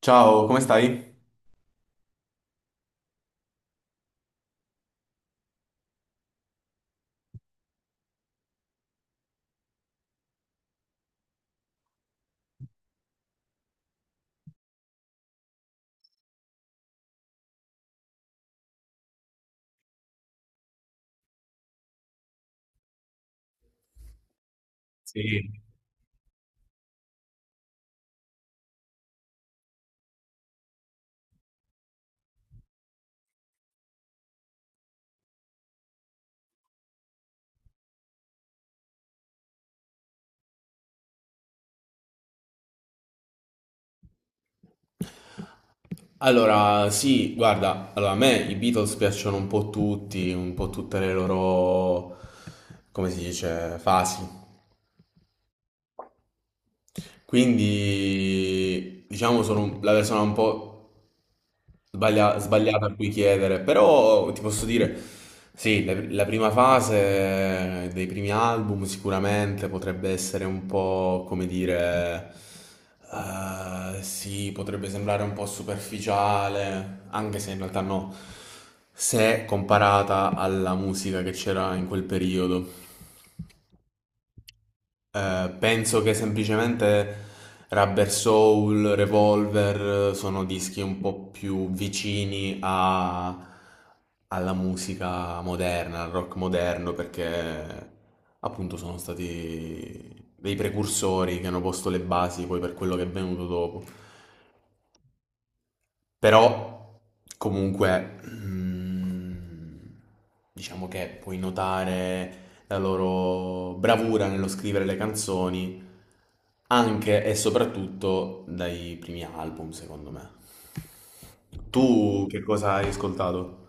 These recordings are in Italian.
Ciao, come stai? Sì. Allora, sì, guarda, allora, a me i Beatles piacciono un po' tutti, un po' tutte le loro, come si dice, fasi. Quindi, diciamo, la persona un po' sbagliato a cui chiedere, però ti posso dire, sì, la prima fase dei primi album sicuramente potrebbe essere un po', come dire, sì, potrebbe sembrare un po' superficiale, anche se in realtà no, se comparata alla musica che c'era in quel periodo. Penso che semplicemente Rubber Soul, Revolver sono dischi un po' più vicini alla musica moderna, al rock moderno, perché appunto sono stati dei precursori che hanno posto le basi poi per quello che è venuto dopo. Però comunque diciamo che puoi notare la loro bravura nello scrivere le canzoni anche e soprattutto dai primi album, secondo me. Tu che cosa hai ascoltato?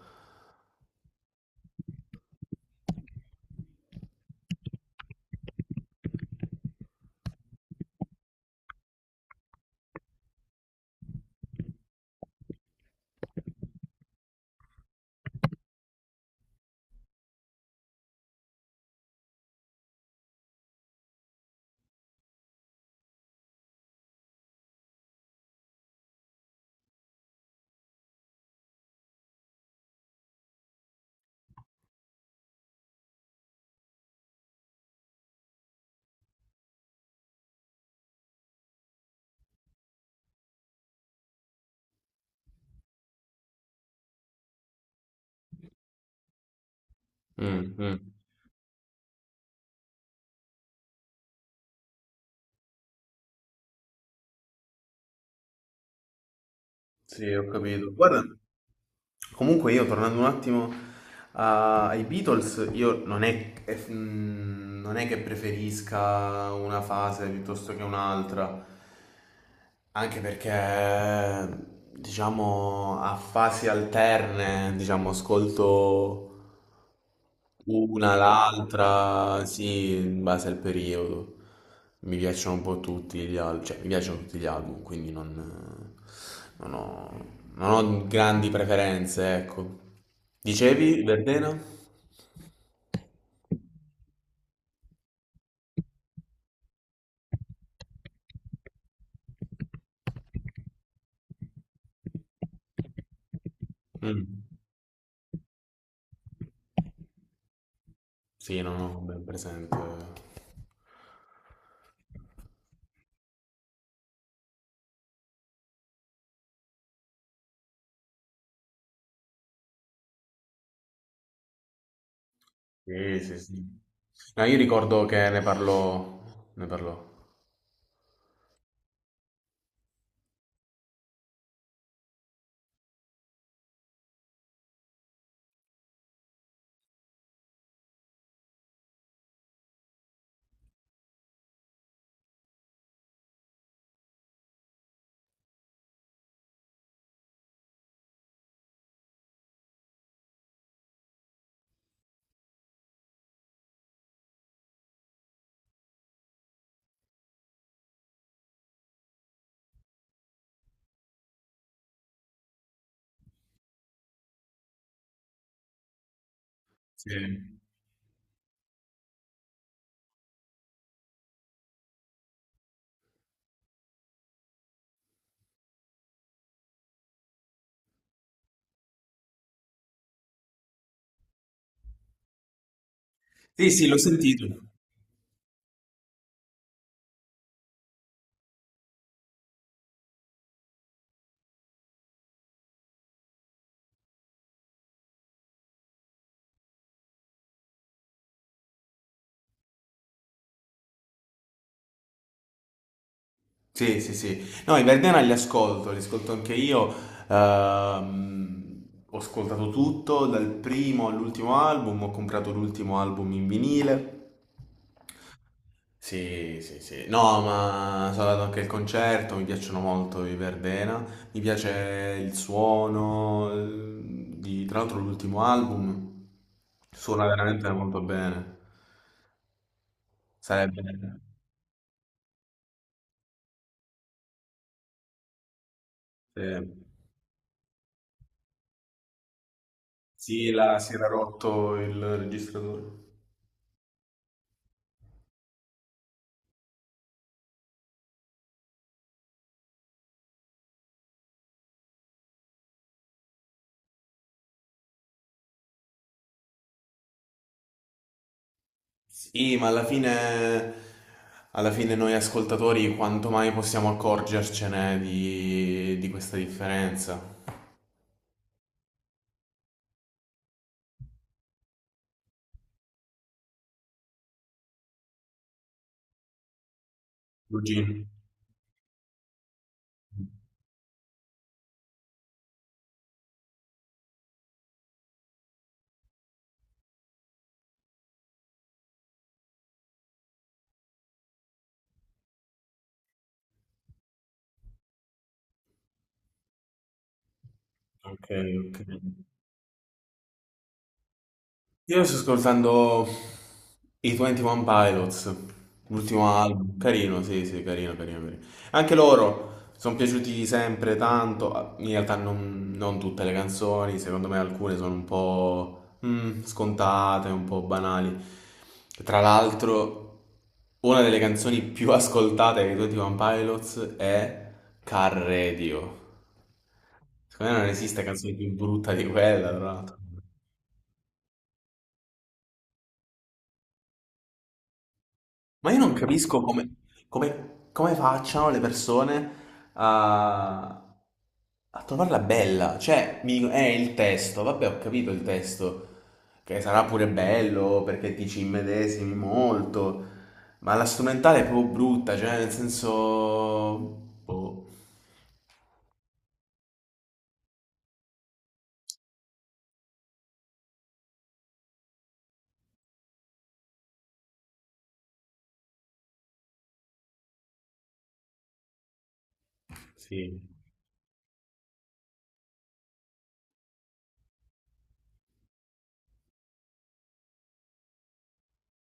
Mm, mm. Sì, ho capito. Guarda. Comunque io tornando un attimo ai Beatles, io non è, non è che preferisca una fase piuttosto che un'altra, anche perché diciamo a fasi alterne, diciamo, ascolto una, l'altra, sì, in base al periodo. Mi piacciono un po' tutti gli album, cioè mi piacciono tutti gli album, quindi non ho, non ho grandi preferenze, ecco. Dicevi, Verdena? Mm. Sì, non ho ben presente. Sì, sì, sì. No, io ricordo che ne parlò, ne parlò. Sì, sì, sì, l'ho sentito. Sì, sì, sì. No, i Verdena li ascolto anche io. Ho ascoltato tutto, dal primo all'ultimo album, ho comprato l'ultimo album in vinile. Sì, sì, sì. No, ma sono andato anche al concerto, mi piacciono molto i Verdena. Mi piace il suono, tra l'altro l'ultimo album suona veramente molto bene. Sarebbe... Sì. Sì, là si era rotto il registratore. Sì, ma alla fine noi ascoltatori quanto mai possiamo accorgercene di questa differenza? Luigi. Ok, ok. Io sto ascoltando i 21 Pilots, l'ultimo album, carino, sì, sì, carino, carino, carino. Anche loro sono piaciuti sempre tanto. Ah, in realtà non tutte le canzoni, secondo me alcune sono un po' scontate, un po' banali. Tra l'altro, una delle canzoni più ascoltate dei 21 Pilots è Car Radio. Secondo me non esiste canzone più brutta di quella, tra l'altro. Ma io non capisco come, come facciano le persone a, a trovarla bella. Cioè, mi dicono, il testo, vabbè, ho capito il testo, che sarà pure bello perché ti ci immedesimi molto, ma la strumentale è proprio brutta, cioè, nel senso... Boh, sì,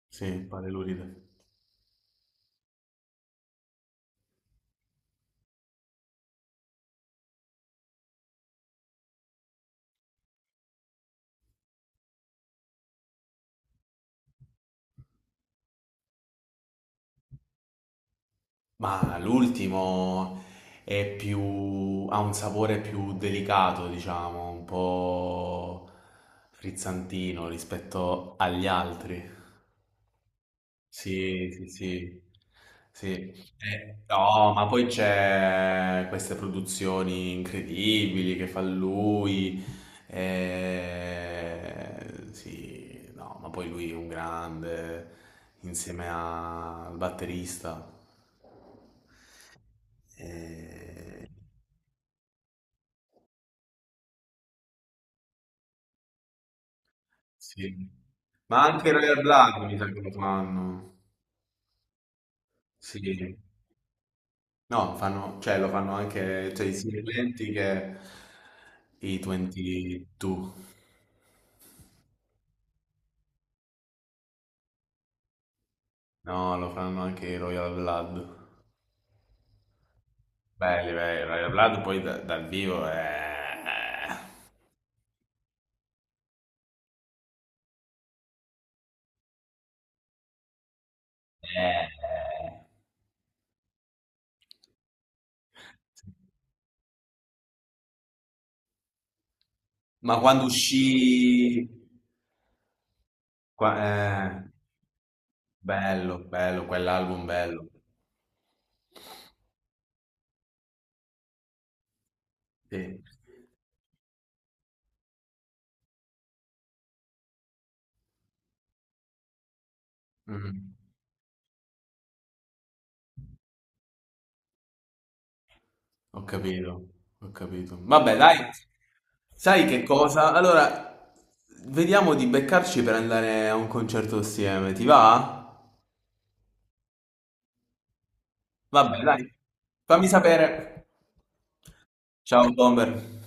sì, pare lurida. Ma l'ultimo è più, ha un sapore più delicato, diciamo, un po' frizzantino rispetto agli altri. Sì, sì, sì, sì. No, ma poi c'è queste produzioni incredibili che fa lui. Eh, sì, no, ma poi lui è un grande insieme al batterista. Eh, Sì. Ma anche il Royal Blood mi sa che lo fanno. Sì. No, fanno, cioè lo fanno anche, cioè i equivalenti che i 22. No, lo fanno anche i Royal Blood. Belli, belli. Royal Blood poi dal vivo è- Ma quando uscì... qua- eh, bello, bello, quell'album bello. Sì. Mm. Ho capito, ho capito. Vabbè, Mm. Dai, sai che cosa? Allora, vediamo di beccarci per andare a un concerto assieme, ti va? Vabbè, dai, fammi sapere. Ciao, Bomber.